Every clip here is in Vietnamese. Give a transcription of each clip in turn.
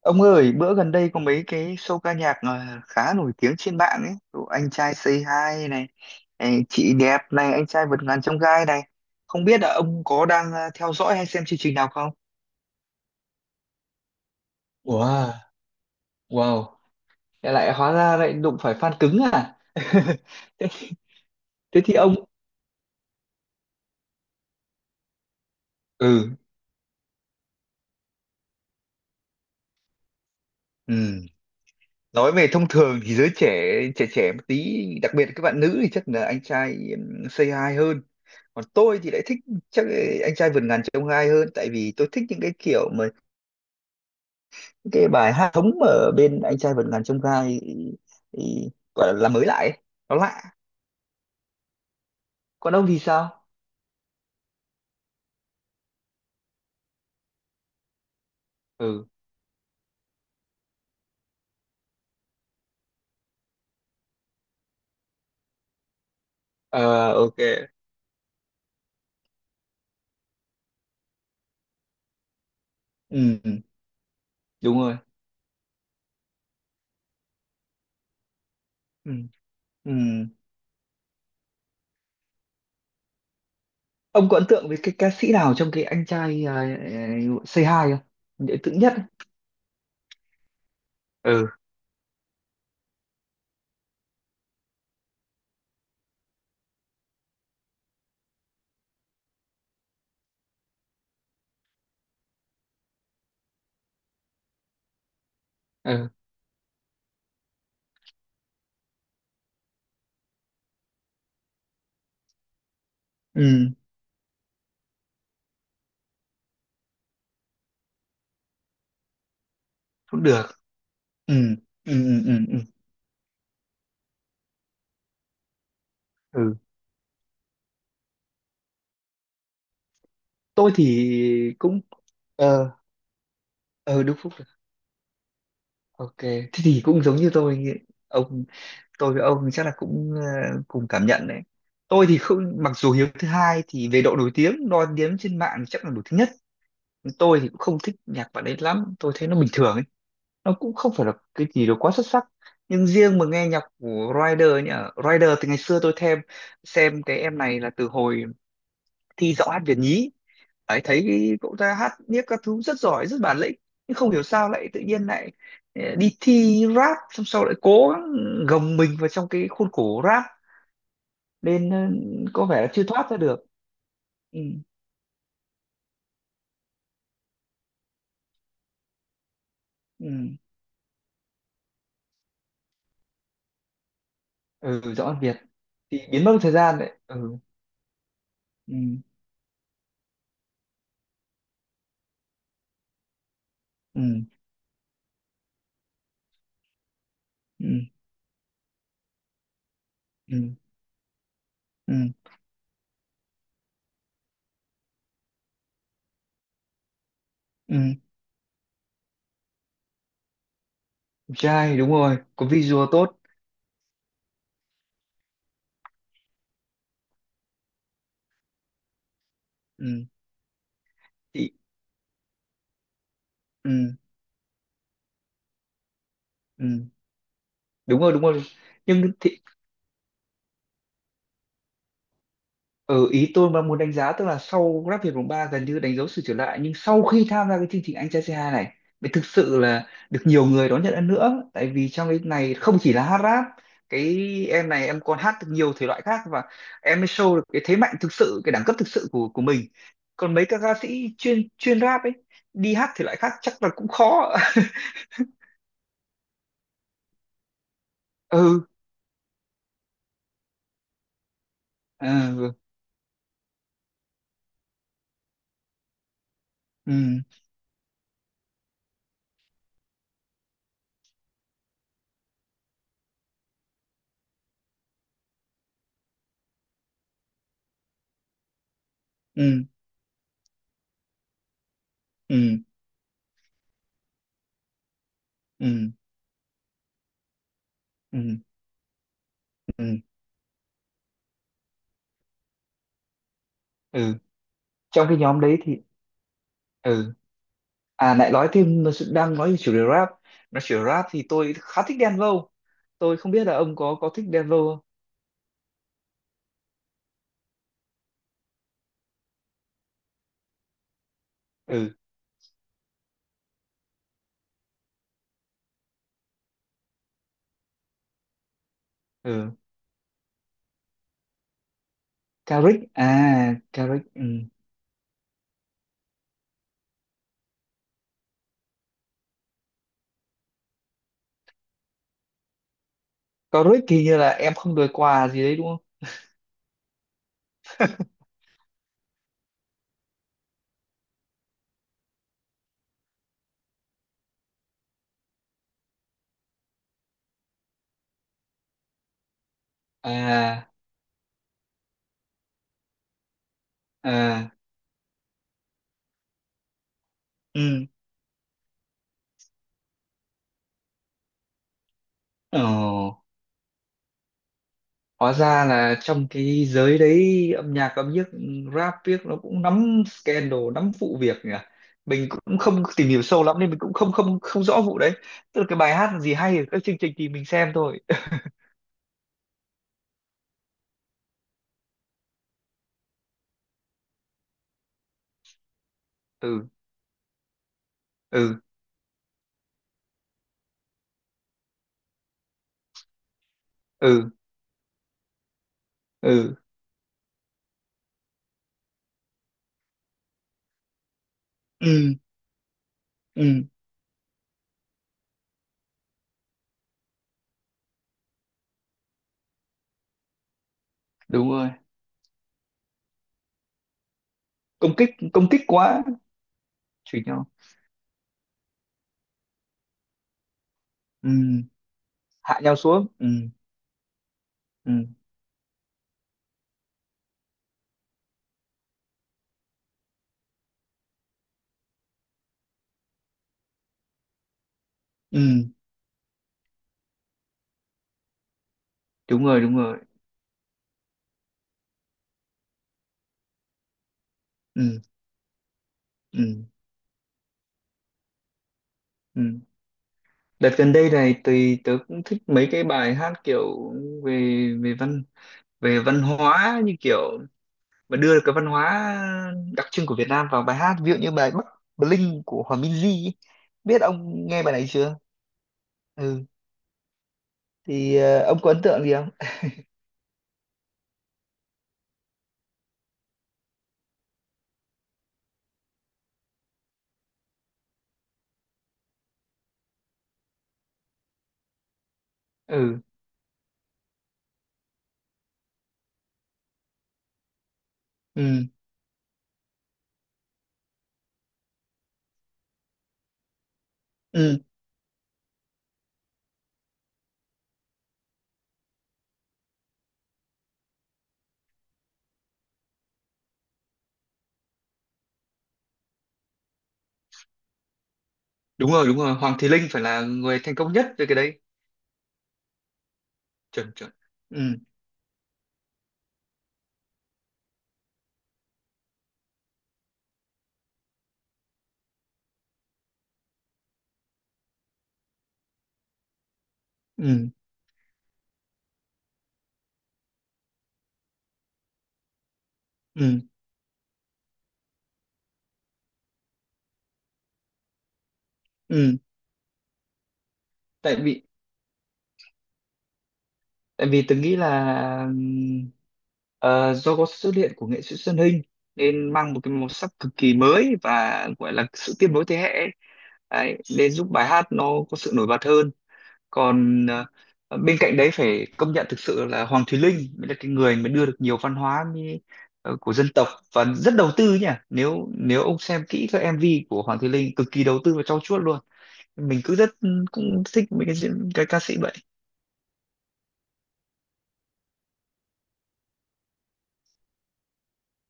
Ông ơi, bữa gần đây có mấy cái show ca nhạc khá nổi tiếng trên mạng ấy. Kiểu Anh trai Say Hi này, ấy, chị đẹp này, anh trai vượt ngàn chông gai này. Không biết là ông có đang theo dõi hay xem chương trình nào không? Wow, wow. Thế lại hóa ra lại đụng phải fan cứng à? Thế, thế thì ông ừ, ừ. Nói về thông thường thì giới trẻ, trẻ một tí, đặc biệt là các bạn nữ thì chắc là anh trai Say Hi hơn. Còn tôi thì lại thích, chắc anh trai vượt ngàn chông gai hơn, tại vì tôi thích những cái kiểu mà những cái bài hát thống ở bên anh trai vượt ngàn chông gai gọi là mới lại ấy. Nó lạ. Còn ông thì sao? Ừ. Ờ, ok. Ừ, đúng rồi. Ừ. Ừ. Ông có ấn tượng với cái ca sĩ nào trong cái anh trai Say Hi không? Để ấn nhất. Ừ, ừ, ừ, cũng được, ừ, ừ, ừ, ừ, ừ, ừ. Tôi thì cũng, ờ, ờ, đúng. Ok, thế thì cũng giống như tôi nghĩ. Ông, tôi với ông chắc là cũng cùng cảm nhận đấy. Tôi thì không, mặc dù hiếu thứ hai thì về độ nổi tiếng đo đếm trên mạng chắc là nổi tiếng nhất. Tôi thì cũng không thích nhạc bạn ấy lắm, tôi thấy nó bình thường ấy. Nó cũng không phải là cái gì đó quá xuất sắc. Nhưng riêng mà nghe nhạc của Rider nhỉ, Rider từ ngày xưa tôi thêm xem cái em này là từ hồi thi Giọng hát Việt nhí ấy, thấy cậu ta hát viết các thứ rất giỏi, rất bản lĩnh, nhưng không hiểu sao lại tự nhiên lại đi thi rap xong sau lại cố gắng gồng mình vào trong cái khuôn khổ rap nên có vẻ là chưa thoát ra được. Ừ, ừ, ừ, giọng Ăn Việt thì biến mất một thời gian đấy, ừ, ừ, ừ, ừ, ừ, ừ, ừ. Đẹp trai đúng rồi, có visual tốt. Ừ, thì ừ, ừ, đúng rồi, đúng rồi. Nhưng thì ừ, ý tôi mà muốn đánh giá tức là sau Grab Việt mùng 3 gần như đánh dấu sự trở lại, nhưng sau khi tham gia cái chương trình Anh trai C2 này mới thực sự là được nhiều người đón nhận hơn nữa, tại vì trong cái này không chỉ là hát rap, cái em này em còn hát được nhiều thể loại khác, và em mới show được cái thế mạnh thực sự, cái đẳng cấp thực sự của mình. Còn mấy các ca sĩ chuyên chuyên rap ấy đi hát thể loại khác chắc là cũng khó. Ừ, à, ừ, ừ, ừ, ừ, ừ, ừ, ừ, ừ. Trong cái nhóm đấy thì ừ. À lại nói thêm nó sự- đang nói về chủ đề rap, nói chủ đề rap thì tôi khá thích Đen Vâu, tôi không biết là ông có thích Đen Vâu không. Ừ, ừ, Caric à. Caric, ừ. Caric thì như là em không đời quà gì đấy đúng không? À, à, ừ. Ồ, hóa ra là trong cái giới đấy âm nhạc ừ, rap viết nó cũng nắm scandal nắm vụ việc nhỉ. Mình cũng không tìm hiểu sâu lắm nên mình cũng không không không rõ vụ đấy. Tức là cái bài hát là gì hay ở các chương trình thì mình xem thôi. Ừ, ừ, ừ, ừ, ừ, ừ, đúng rồi, công kích quá, chửi nhau, ừ, hạ nhau xuống, ừ, ừ, ừ, đúng rồi, đúng rồi, ừ, ừ, ừ. Đợt gần đây này tùy tớ cũng thích mấy cái bài hát kiểu về, về văn, về văn hóa, như kiểu mà đưa cái văn hóa đặc trưng của Việt Nam vào bài hát, ví dụ như bài Bắc Bling của Hòa Minzy ấy. Biết ông nghe bài này chưa? Ừ, thì ông có ấn tượng gì không? Ừ, ừ, đúng rồi, đúng rồi, Hoàng Thùy Linh phải là người thành công nhất về cái đấy. Chuẩn chuẩn. Ừ, ừ, ừ, ừ, tại vì tại vì tôi nghĩ là do có sự xuất hiện của nghệ sĩ Xuân Hinh nên mang một cái màu sắc cực kỳ mới và gọi là sự tiếp nối thế hệ ấy. Đấy, nên giúp bài hát nó có sự nổi bật hơn. Còn bên cạnh đấy phải công nhận thực sự là Hoàng Thùy Linh mới là cái người mới đưa được nhiều văn hóa mi- của dân tộc, và rất đầu tư nhỉ, nếu nếu ông xem kỹ các MV của Hoàng Thùy Linh cực kỳ đầu tư và trau chuốt luôn. Mình cứ rất cũng thích mấy cái diễn- cái ca sĩ vậy.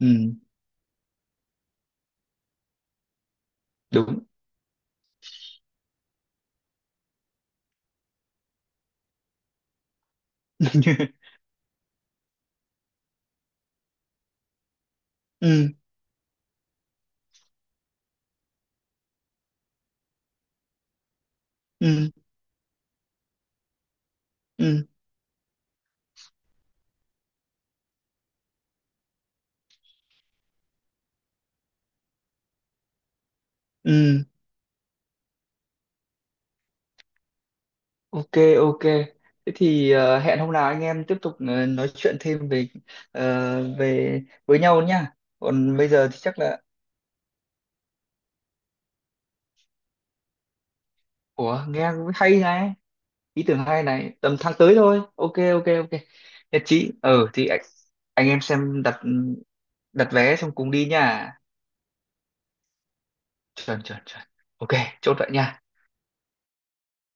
Ừ, đúng. Ừ, ừ, ừ, ừ, ok, ok, thế thì hẹn hôm nào anh em tiếp tục nói chuyện thêm về về với nhau nhá. Còn bây giờ thì chắc là ủa nghe hay này, ý tưởng hay này, tầm tháng tới thôi, ok, ok, ok. Nhất trí. Ờ thì anh em xem đặt, đặt vé xong cùng đi nha. Chuẩn chuẩn chuẩn. Ok. Chốt vậy nha.